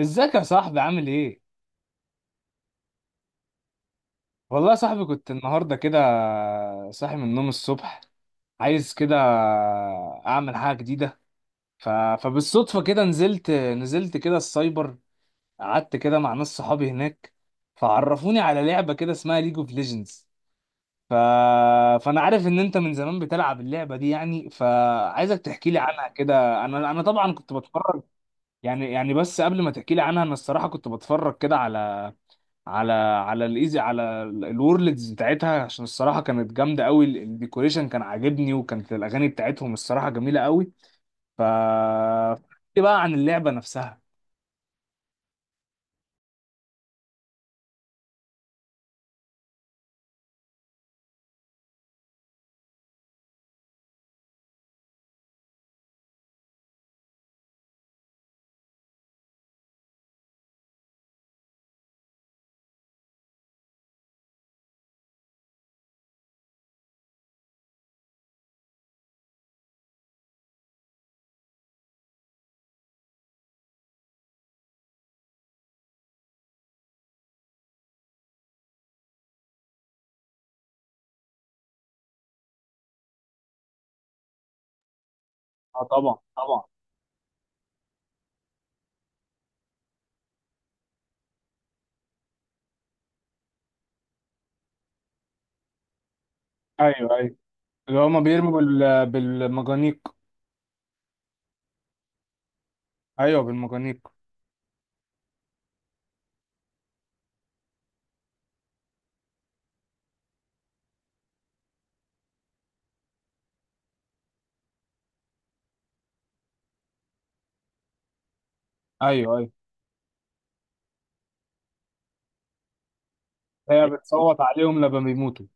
ازيك يا صاحبي، عامل ايه؟ والله يا صاحبي، كنت النهارده كده صاحي من النوم الصبح، عايز كده اعمل حاجه جديده. فبالصدفه كده نزلت كده السايبر، قعدت كده مع ناس صحابي هناك، فعرفوني على لعبه كده اسمها ليج اوف ليجندز. ف... فانا عارف ان انت من زمان بتلعب اللعبه دي يعني، فعايزك تحكي لي عنها كده، انا طبعا كنت بتفرج. يعني بس قبل ما تحكي لي عنها، انا الصراحه كنت بتفرج كده على الايزي، على الورلدز بتاعتها، عشان الصراحه كانت جامده قوي. الديكوريشن كان عاجبني، وكانت الاغاني بتاعتهم الصراحه جميله قوي. ف إيه بقى عن اللعبه نفسها؟ اه، طبعا طبعا. ايوه ايوه، اللي هما بيرموا بالمجانيق. ايوه بالمجانيق. ايوه ايوه، هي بتصوت عليهم لما بيموتوا.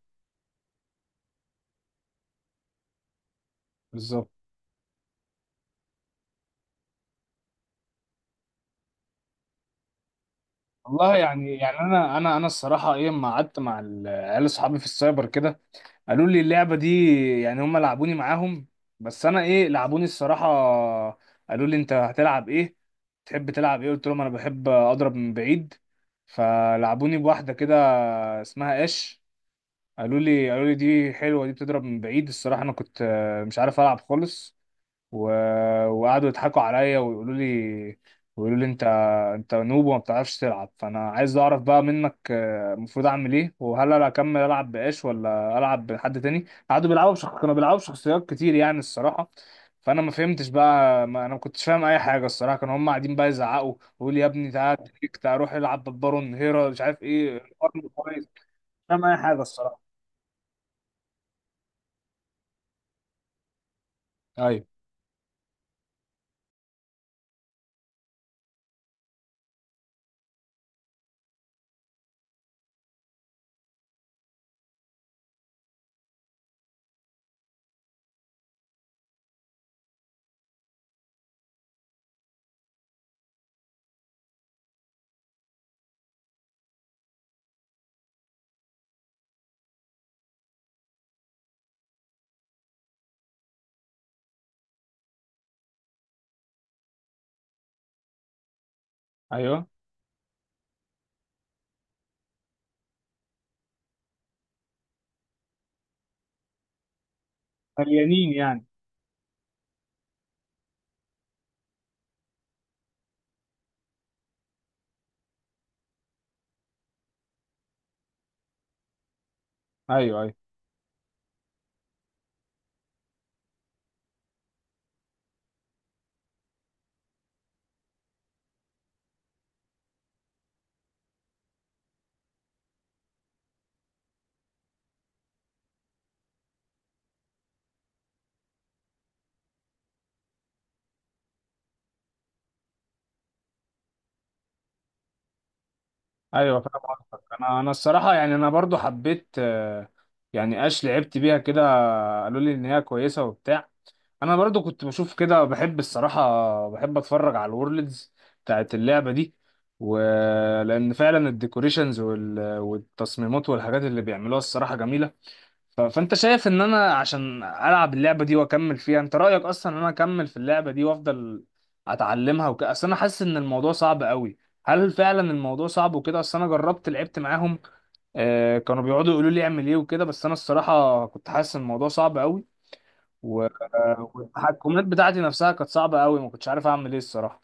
بالظبط. والله، يعني انا الصراحه ايه، لما قعدت مع العيال اصحابي في السايبر كده، قالوا لي اللعبة دي، يعني هم لعبوني معاهم. بس انا ايه لعبوني الصراحة، قالوا لي انت هتلعب ايه، تحب تلعب ايه، قلت لهم انا بحب اضرب من بعيد، فلعبوني بواحدة كده اسمها اش. قالوا لي دي حلوة، دي بتضرب من بعيد. الصراحة انا كنت مش عارف العب خالص. و... وقعدوا يضحكوا عليا ويقولوا لي انت نوب وما بتعرفش تلعب. فانا عايز اعرف بقى منك المفروض اعمل ايه، وهل انا اكمل العب باش ولا العب بحد تاني؟ كانوا بيلعبوا بشخصيات كتير يعني الصراحه. فانا ما فهمتش بقى، ما انا ما كنتش فاهم اي حاجه الصراحه. كانوا هم قاعدين بقى يزعقوا ويقولوا لي يا ابني تعالى تريك، تعالى روح العب بالبارون هيرا، مش عارف ايه الأرن كويس، مش فاهم اي حاجه الصراحه. ايوه ايوه، مليانين يعني. ايوه ايوه ايوه، فاهم قصدك. انا الصراحه يعني، انا برضو حبيت يعني اش لعبت بيها كده، قالوا لي ان هي كويسه وبتاع. انا برضو كنت بشوف كده، بحب الصراحه، بحب اتفرج على الورلدز بتاعت اللعبه دي، ولان فعلا الديكوريشنز والتصميمات والحاجات اللي بيعملوها الصراحه جميله. فانت شايف ان انا عشان العب اللعبه دي واكمل فيها، انت رايك اصلا ان انا اكمل في اللعبه دي وافضل اتعلمها وكده؟ اصل انا حاسس ان الموضوع صعب قوي. هل فعلا الموضوع صعب وكده؟ اصل انا جربت لعبت معاهم كانوا بيقعدوا يقولوا لي اعمل ايه وكده، بس انا الصراحه كنت حاسس ان الموضوع صعب قوي. والتحكمات بتاعتي نفسها كانت صعبه قوي، ما كنتش عارف اعمل ايه الصراحه.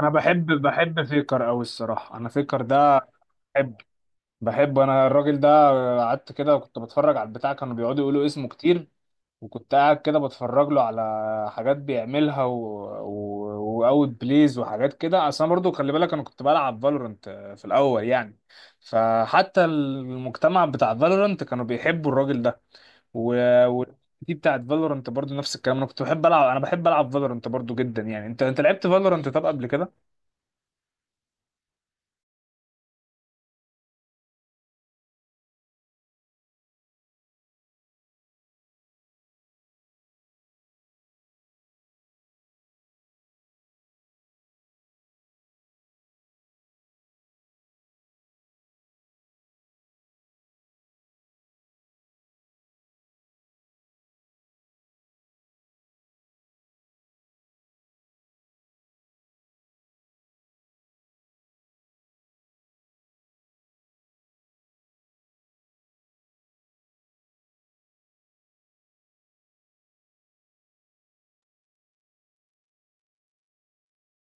انا بحب فيكر قوي الصراحه، انا فيكر ده بحب بحب انا الراجل ده. قعدت كده وكنت بتفرج على البتاع، كانوا بيقعدوا يقولوا اسمه كتير، وكنت قاعد كده بتفرج له على حاجات بيعملها واوت بليز وحاجات كده. اصل انا برضو خلي بالك، انا كنت بلعب فالورنت في الاول يعني، فحتى المجتمع بتاع فالورنت كانوا بيحبوا الراجل ده. و... و... دي بتاعت فالورنت برضو نفس الكلام، انا كنت بحب العب، انا بحب العب فالورنت برضو جدا يعني، انت لعبت فالورنت طب قبل كده؟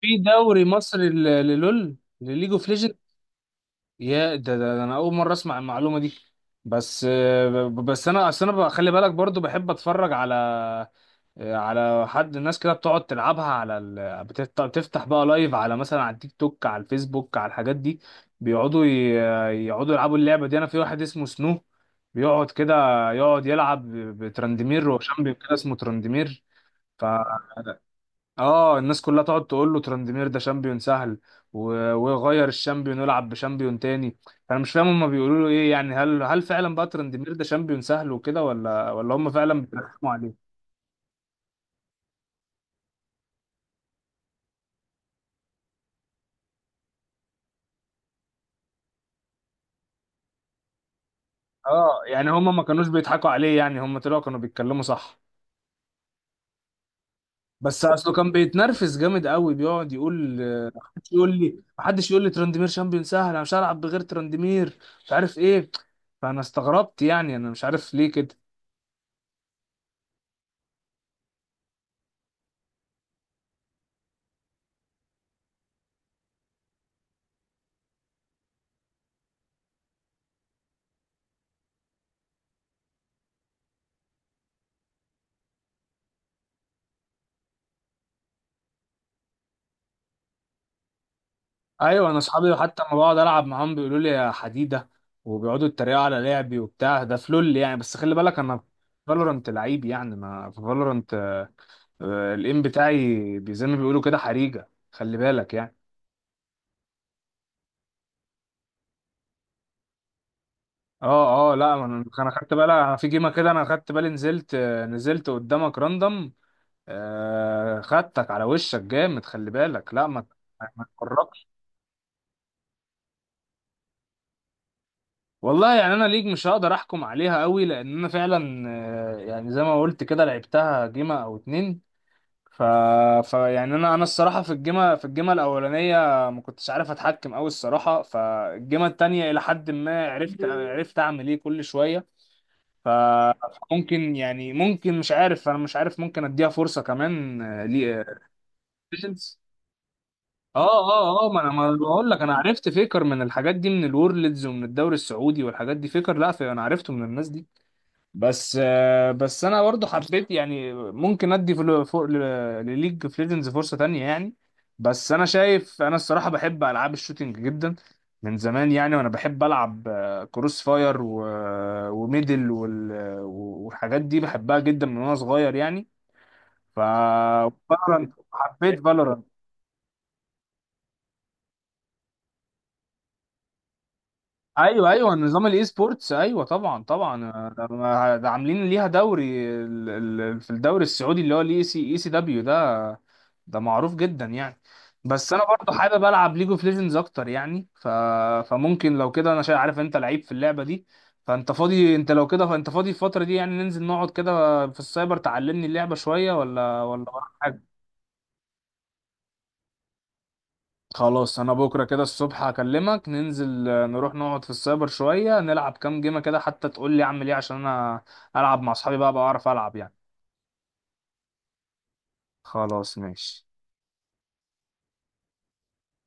في دوري مصري للول، لليج اوف؟ يا ده انا اول مره اسمع المعلومه دي. بس بس انا اصل انا خلي بالك برضو بحب اتفرج على على حد الناس كده بتقعد تلعبها على بتفتح بقى لايف، على مثلا على التيك توك، على الفيسبوك، على الحاجات دي. بيقعدوا يقعدوا يلعبوا اللعبه دي. انا في واحد اسمه سنو، بيقعد كده يقعد يلعب بترندمير، وشامبيون كده اسمه ترندمير. اه، الناس كلها تقعد تقول له تراندمير ده شامبيون سهل، ويغير الشامبيون ويلعب بشامبيون تاني. فانا مش فاهم هما بيقولوا له ايه يعني، هل فعلا بقى تراندمير ده شامبيون سهل وكده، ولا هما فعلا بيترخموا عليه؟ اه، يعني هما ما كانوش بيضحكوا عليه يعني، هما طلعوا كانوا بيتكلموا صح؟ بس اصله كان بيتنرفز جامد قوي، بيقعد يقول محدش يقول لي تراندمير شامبيون سهل، انا مش هلعب بغير تراندمير، مش عارف ايه. فانا استغربت يعني، انا مش عارف ليه كده. ايوه، انا اصحابي حتى لما بقعد العب معاهم بيقولوا لي يا حديده، وبيقعدوا يتريقوا على لعبي وبتاع، ده في لول يعني، بس خلي بالك انا فالورنت لعيب يعني، ما في فالورنت الايم بتاعي زي ما بيقولوا كده حريجه، خلي بالك يعني. اه اه، لا، انا خدت بالي، انا في جيمه كده انا خدت بالي، نزلت نزلت قدامك راندم، خدتك على وشك جامد، خلي بالك، لا ما تقربش. والله يعني، انا ليج مش هقدر احكم عليها قوي، لان انا فعلا يعني زي ما قلت كده لعبتها جيمة او اتنين. ف... ف يعني انا الصراحه في الجيمة الاولانيه ما كنتش عارف اتحكم قوي الصراحه. فالجيمة التانية الى حد ما عرفت اعمل ايه كل شويه. ف- فممكن يعني ممكن، مش عارف، انا مش عارف ممكن اديها فرصه كمان لي بيشنس. اه اه اه، ما أنا بقول لك، انا عرفت فيكر من الحاجات دي، من الورلدز ومن الدوري السعودي والحاجات دي فيكر، لا، في انا عرفته من الناس دي. بس بس انا برضو حبيت يعني ممكن ادي فوق لليج اوف ليجندز فرصه تانية يعني. بس انا شايف، انا الصراحه بحب العاب الشوتينج جدا من زمان يعني، وانا بحب العب كروس فاير وميدل والحاجات دي، بحبها جدا من وانا صغير يعني. فالورانت حبيت فالورانت. ايوه ايوه، نظام الاي سبورتس، ايوه طبعا طبعا، ده ما- ده عاملين ليها دوري. في الدوري السعودي اللي هو الاي سي اي سي دبليو ده، ده معروف جدا يعني. بس انا برضو حابب العب ليج اوف ليجندز اكتر يعني، فممكن لو كده انا عارف انت لعيب في اللعبه دي، فانت فاضي انت لو كده فانت فاضي الفتره دي يعني، ننزل نقعد كده في السايبر تعلمني اللعبه شويه، ولا وراك؟ خلاص، انا بكره كده الصبح هكلمك، ننزل نروح نقعد في السايبر شويه، نلعب كام جيمه كده حتى تقول لي اعمل ايه، عشان انا العب مع اصحابي بقى، بعرف العب يعني. خلاص ماشي.